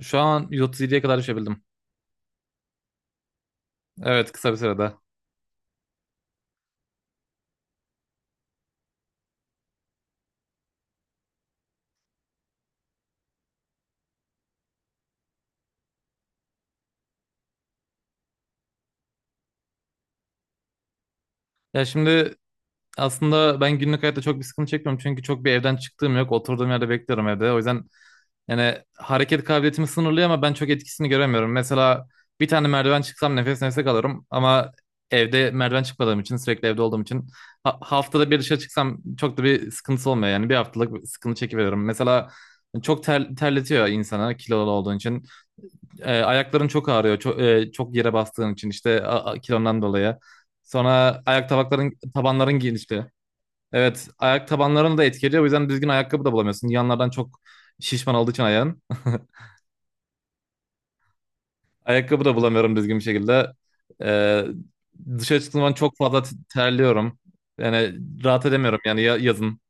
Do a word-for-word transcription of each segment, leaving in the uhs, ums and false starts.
Şu an yüz otuz yediye kadar düşebildim. Evet, kısa bir sürede. Ya şimdi aslında ben günlük hayatta çok bir sıkıntı çekmiyorum. Çünkü çok bir evden çıktığım yok. Oturduğum yerde bekliyorum evde. O yüzden yani hareket kabiliyetimi sınırlıyor ama ben çok etkisini göremiyorum. Mesela bir tane merdiven çıksam nefes nefese kalırım. Ama evde merdiven çıkmadığım için, sürekli evde olduğum için ha- haftada bir dışarı çıksam çok da bir sıkıntısı olmuyor. Yani bir haftalık bir sıkıntı çekiveriyorum. Mesela çok ter terletiyor insana kilolu olduğun için. E, ayakların çok ağrıyor. Çok, e, çok yere bastığın için işte a, a- kilondan dolayı. Sonra ayak tabakların tabanların genişliği. Evet, ayak tabanlarını da etkiliyor. O yüzden düzgün ayakkabı da bulamıyorsun. Yanlardan çok şişman olduğu için ayağın. Ayakkabı da bulamıyorum düzgün bir şekilde. E, Dışarı çıktığım zaman çok fazla t- terliyorum. Yani rahat edemiyorum yani ya- yazın.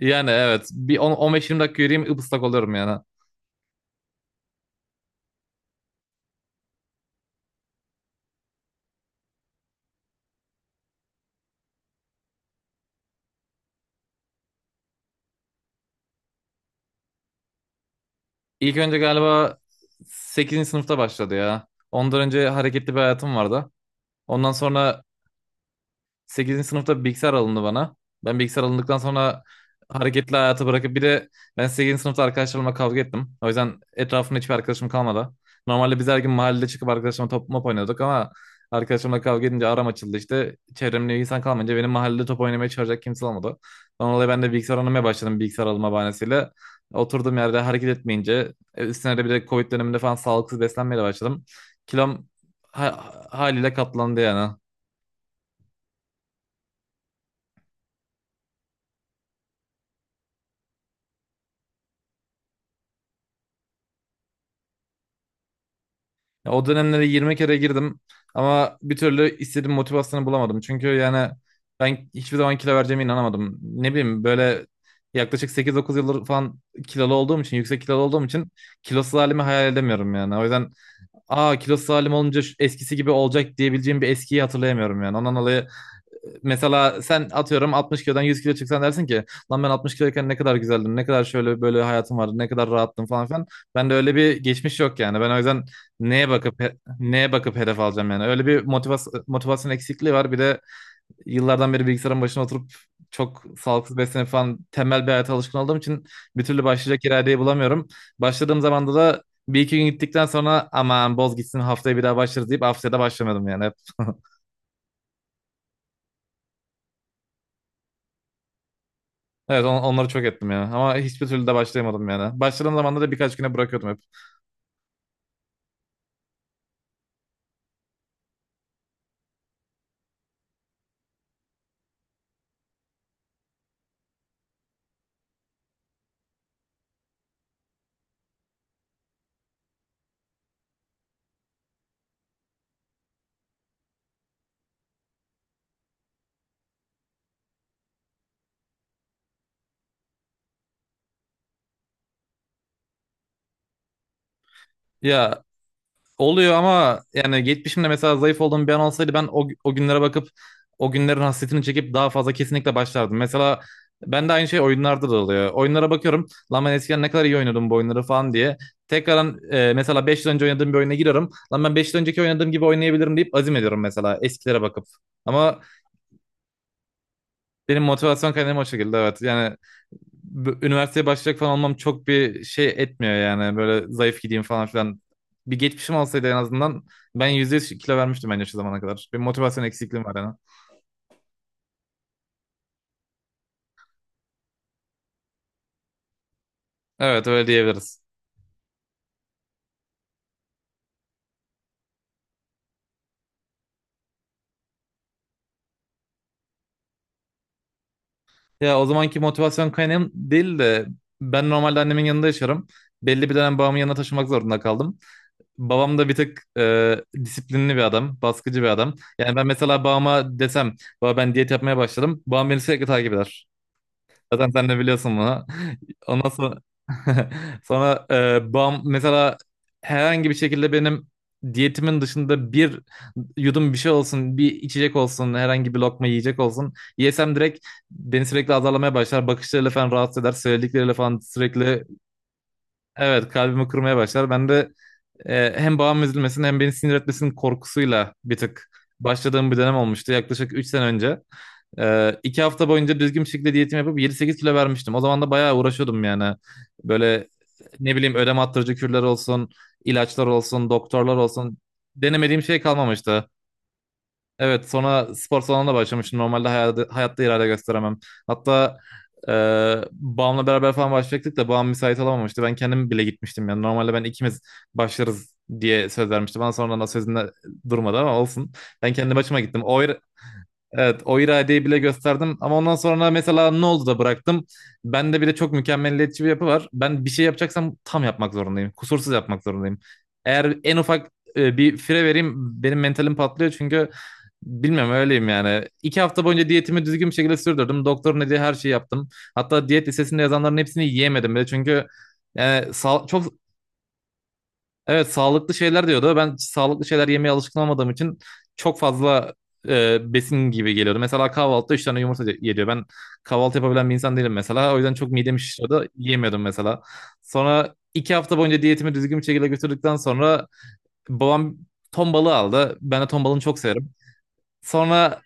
Yani evet, bir on on beş yirmi dakika yürüyeyim, ıslak oluyorum yani. İlk önce galiba sekizinci sınıfta başladı ya. Ondan önce hareketli bir hayatım vardı. Ondan sonra sekizinci sınıfta bilgisayar alındı bana. Ben bilgisayar alındıktan sonra hareketli hayatı bırakıp, bir de ben sekizinci sınıfta arkadaşlarımla kavga ettim. O yüzden etrafımda hiçbir arkadaşım kalmadı. Normalde biz her gün mahallede çıkıp arkadaşlarımla top mop oynuyorduk ama arkadaşlarımla kavga edince aram açıldı işte. Çevremde insan kalmayınca benim mahallede top oynamaya çağıracak kimse olmadı. Ondan dolayı ben de bilgisayar oynamaya başladım, bilgisayar alma bahanesiyle. Oturduğum yerde hareket etmeyince, e, üstüne de bir de Covid döneminde falan sağlıksız beslenmeye de başladım. Kilom ha- haliyle katlandı yani. Ya, o dönemlere yirmi kere girdim ama bir türlü istediğim motivasyonu bulamadım. Çünkü yani ben hiçbir zaman kilo vereceğime inanamadım. Ne bileyim, böyle yaklaşık sekiz dokuz yıldır falan kilolu olduğum için, yüksek kilolu olduğum için kilosuz halimi hayal edemiyorum yani. O yüzden, aa, kilosuz halim olunca şu- eskisi gibi olacak diyebileceğim bir eskiyi hatırlayamıyorum yani. Ondan dolayı mesela sen atıyorum altmış kilodan yüz kilo çıksan dersin ki lan, ben altmış kiloyken ne kadar güzeldim, ne kadar şöyle böyle hayatım vardı, ne kadar rahattım falan filan. Ben de öyle bir geçmiş yok yani. Ben o yüzden neye bakıp, he- neye bakıp hedef alacağım yani. Öyle bir motivasyon, motivasyon eksikliği var. Bir de yıllardan beri bilgisayarın başına oturup çok sağlıksız beslenip falan tembel bir hayata alışkın olduğum için bir türlü başlayacak iradeyi bulamıyorum. Başladığım zamanda da bir iki gün gittikten sonra aman, boz gitsin, haftaya bir daha başlarız deyip haftaya da başlamadım yani. Hep. Evet, on- onları çok ettim yani. Ama hiçbir türlü de başlayamadım yani. Başladığım zaman da birkaç güne bırakıyordum hep. Ya, oluyor ama yani geçmişimde mesela zayıf olduğum bir an olsaydı ben o, o günlere bakıp, o günlerin hasretini çekip daha fazla kesinlikle başlardım. Mesela ben de aynı şey oyunlarda da oluyor. Oyunlara bakıyorum, lan ben eskiden ne kadar iyi oynuyordum bu oyunları falan diye. Tekrardan, e, mesela beş yıl önce oynadığım bir oyuna giriyorum. Lan, ben beş yıl önceki oynadığım gibi oynayabilirim deyip azim ediyorum mesela eskilere bakıp. Ama benim motivasyon kaynağım o şekilde, evet. Yani b- üniversiteye başlayacak falan olmam çok bir şey etmiyor yani. Böyle zayıf gideyim falan filan. Bir geçmişim olsaydı en azından ben yüzde yüz kilo vermiştim bence şu zamana kadar. Bir motivasyon eksikliğim var yani. Evet, öyle diyebiliriz. Ya, o zamanki motivasyon kaynağım değil de, ben normalde annemin yanında yaşarım. Belli bir dönem babamın yanına taşımak zorunda kaldım. Babam da bir tık e, disiplinli bir adam, baskıcı bir adam. Yani ben mesela babama desem, baba ben diyet yapmaya başladım, babam beni sürekli takip eder. Zaten sen de biliyorsun bunu. Ondan sonra sonra, e, bam mesela herhangi bir şekilde benim diyetimin dışında bir yudum bir şey olsun, bir içecek olsun, herhangi bir lokma yiyecek olsun. Yesem direkt beni sürekli azarlamaya başlar. Bakışlarıyla falan rahatsız eder. Söyledikleriyle falan sürekli, evet, kalbimi kırmaya başlar. Ben de e, hem babam üzülmesin hem beni sinir etmesinin korkusuyla bir tık başladığım bir dönem olmuştu yaklaşık üç sene önce. Ee, iki hafta boyunca düzgün bir şekilde diyetimi yapıp yedi sekiz kilo vermiştim. O zaman da bayağı uğraşıyordum yani. Böyle, ne bileyim, ödem attırıcı kürler olsun, ilaçlar olsun, doktorlar olsun. Denemediğim şey kalmamıştı. Evet, sonra spor salonuna başlamıştım. Normalde hayatta, hayatta irade gösteremem. Hatta e, babamla beraber falan başlayacaktık da babam müsait olamamıştı. Ben kendim bile gitmiştim yani. Normalde ben ikimiz başlarız diye söz vermişti. Bana sonradan o sözünde durmadı ama olsun. Ben kendi başıma gittim. O, Evet, o iradeyi bile gösterdim ama ondan sonra mesela ne oldu da bıraktım. Bende bir de çok mükemmeliyetçi bir yapı var. Ben bir şey yapacaksam tam yapmak zorundayım. Kusursuz yapmak zorundayım. Eğer en ufak e, bir fire vereyim, benim mentalim patlıyor çünkü bilmem öyleyim yani. İki hafta boyunca diyetimi düzgün bir şekilde sürdürdüm. Doktorun dediği her şeyi yaptım. Hatta diyet listesinde yazanların hepsini yiyemedim bile çünkü yani sağ- çok. Evet, sağlıklı şeyler diyordu. Ben hiç sağlıklı şeyler yemeye alışkın olmadığım için çok fazla e, besin gibi geliyordu. Mesela kahvaltıda üç tane yumurta ye- geliyor. Ben kahvaltı yapabilen bir insan değilim mesela. O yüzden çok midem şişiyordu. Yiyemiyordum mesela. Sonra iki hafta boyunca diyetimi düzgün bir şekilde götürdükten sonra babam ton balığı aldı. Ben de ton balığını çok severim. Sonra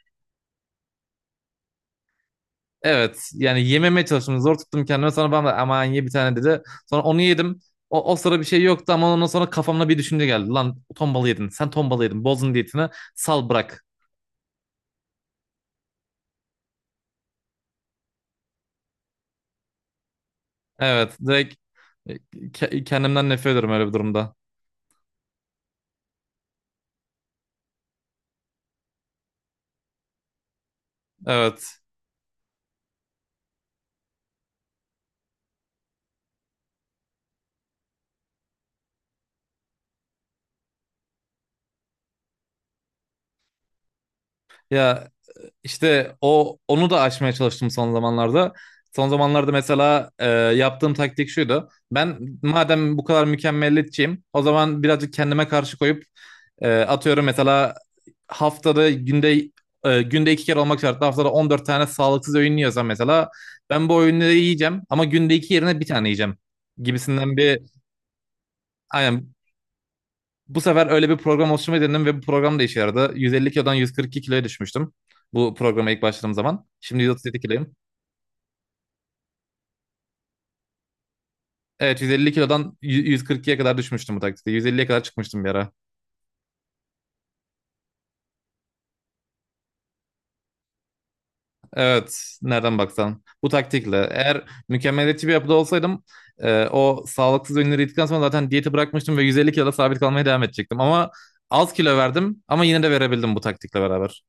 evet, yani yememeye çalıştım. Zor tuttum kendime. Sonra bana da aman, ye bir tane, dedi. Sonra onu yedim. O, o sıra bir şey yoktu ama ondan sonra kafamda bir düşünce geldi. Lan, ton balığı yedin. Sen ton balığı yedin. Bozdun diyetini. Sal, bırak. Evet, direkt e, ke- kendimden nefret ediyorum öyle bir durumda. Evet. Ya işte o onu da aşmaya çalıştım son zamanlarda. Son zamanlarda mesela, e, yaptığım taktik şuydu. Ben madem bu kadar mükemmeliyetçiyim, o zaman birazcık kendime karşı koyup, E, atıyorum mesela, haftada günde, e, günde iki kere olmak şartla, haftada on dört tane sağlıksız öğün yiyorsam mesela, ben bu öğünleri yiyeceğim ama günde iki yerine bir tane yiyeceğim gibisinden bir. Aynen, bu sefer öyle bir program oluşturmayı denedim ve bu program da işe yaradı. yüz elli kilodan yüz kırk iki kiloya düşmüştüm bu programa ilk başladığım zaman. Şimdi yüz otuz yedi kiloyum. Evet, yüz elli kilodan yüz kırk ikiye kadar düşmüştüm bu taktikte. yüz elliye kadar çıkmıştım bir ara. Evet, nereden baksan. Bu taktikle. Eğer mükemmeliyetçi bir yapıda olsaydım, e, o sağlıksız ürünleri yedikten sonra zaten diyeti bırakmıştım ve yüz elli kiloda sabit kalmaya devam edecektim. Ama az kilo verdim ama yine de verebildim bu taktikle beraber.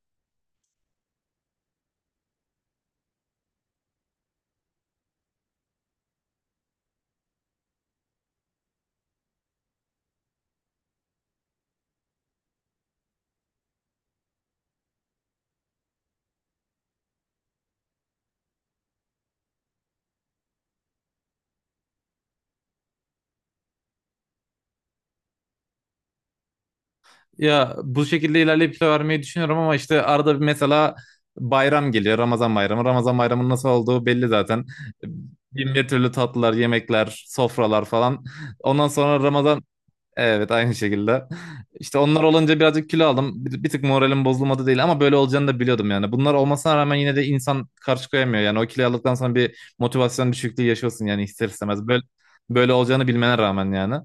Ya, bu şekilde ilerleyip kilo vermeyi düşünüyorum ama işte arada bir mesela bayram geliyor. Ramazan bayramı. Ramazan bayramının nasıl olduğu belli zaten. Bin bir türlü tatlılar, yemekler, sofralar falan. Ondan sonra Ramazan, evet, aynı şekilde. İşte onlar olunca birazcık kilo aldım. Bir, bir tık moralim bozulmadı değil ama böyle olacağını da biliyordum yani. Bunlar olmasına rağmen yine de insan karşı koyamıyor. Yani o kiloyu aldıktan sonra bir motivasyon düşüklüğü yaşıyorsun yani ister istemez. Böyle, böyle olacağını bilmene rağmen yani.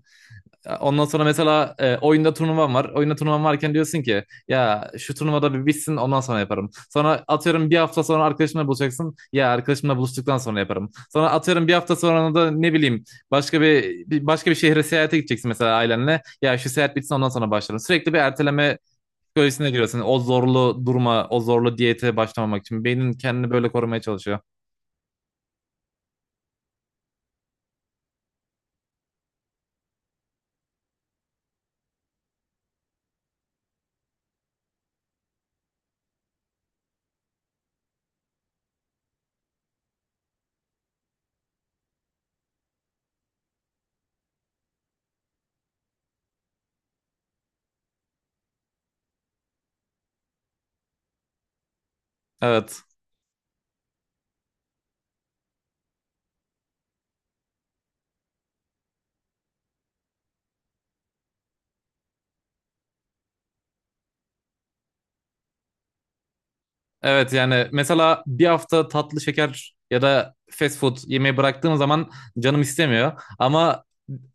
Ee, Ondan sonra mesela, e, oyunda turnuvam var. Oyunda turnuvam varken diyorsun ki ya şu turnuvada bir bitsin, ondan sonra yaparım. Sonra atıyorum bir hafta sonra arkadaşımla buluşacaksın. Ya, arkadaşımla buluştuktan sonra yaparım. Sonra atıyorum bir hafta sonra da ne bileyim başka bir, bir- başka bir şehre seyahate gideceksin mesela ailenle. Ya şu seyahat bitsin, ondan sonra başlarım. Sürekli bir erteleme psikolojisine giriyorsun. O zorlu durma, o zorlu diyete başlamamak için. Beynin kendini böyle korumaya çalışıyor. Evet. Evet, yani mesela bir hafta tatlı, şeker ya da fast food yemeği bıraktığım zaman canım istemiyor. Ama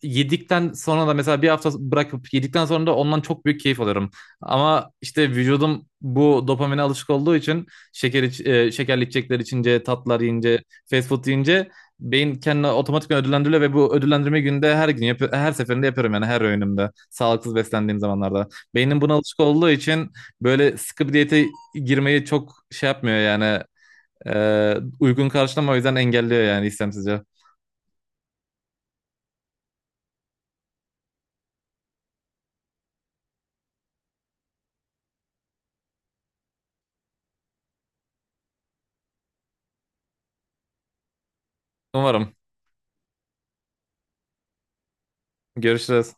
yedikten sonra da, mesela bir hafta bırakıp yedikten sonra da, ondan çok büyük keyif alıyorum. Ama işte vücudum bu dopamine alışık olduğu için şeker iç, e, şekerli içecekler içince, tatlılar yiyince, fast food yiyince beyin kendini otomatikman ödüllendiriyor ve bu ödüllendirme günde her gün yap her seferinde yapıyorum yani her öğünümde sağlıksız beslendiğim zamanlarda. Beynin buna alışık olduğu için böyle sıkı bir diyete girmeyi çok şey yapmıyor yani. E, uygun karşılamıyor, o yüzden engelliyor yani istemsizce. Umarım. Görüşürüz.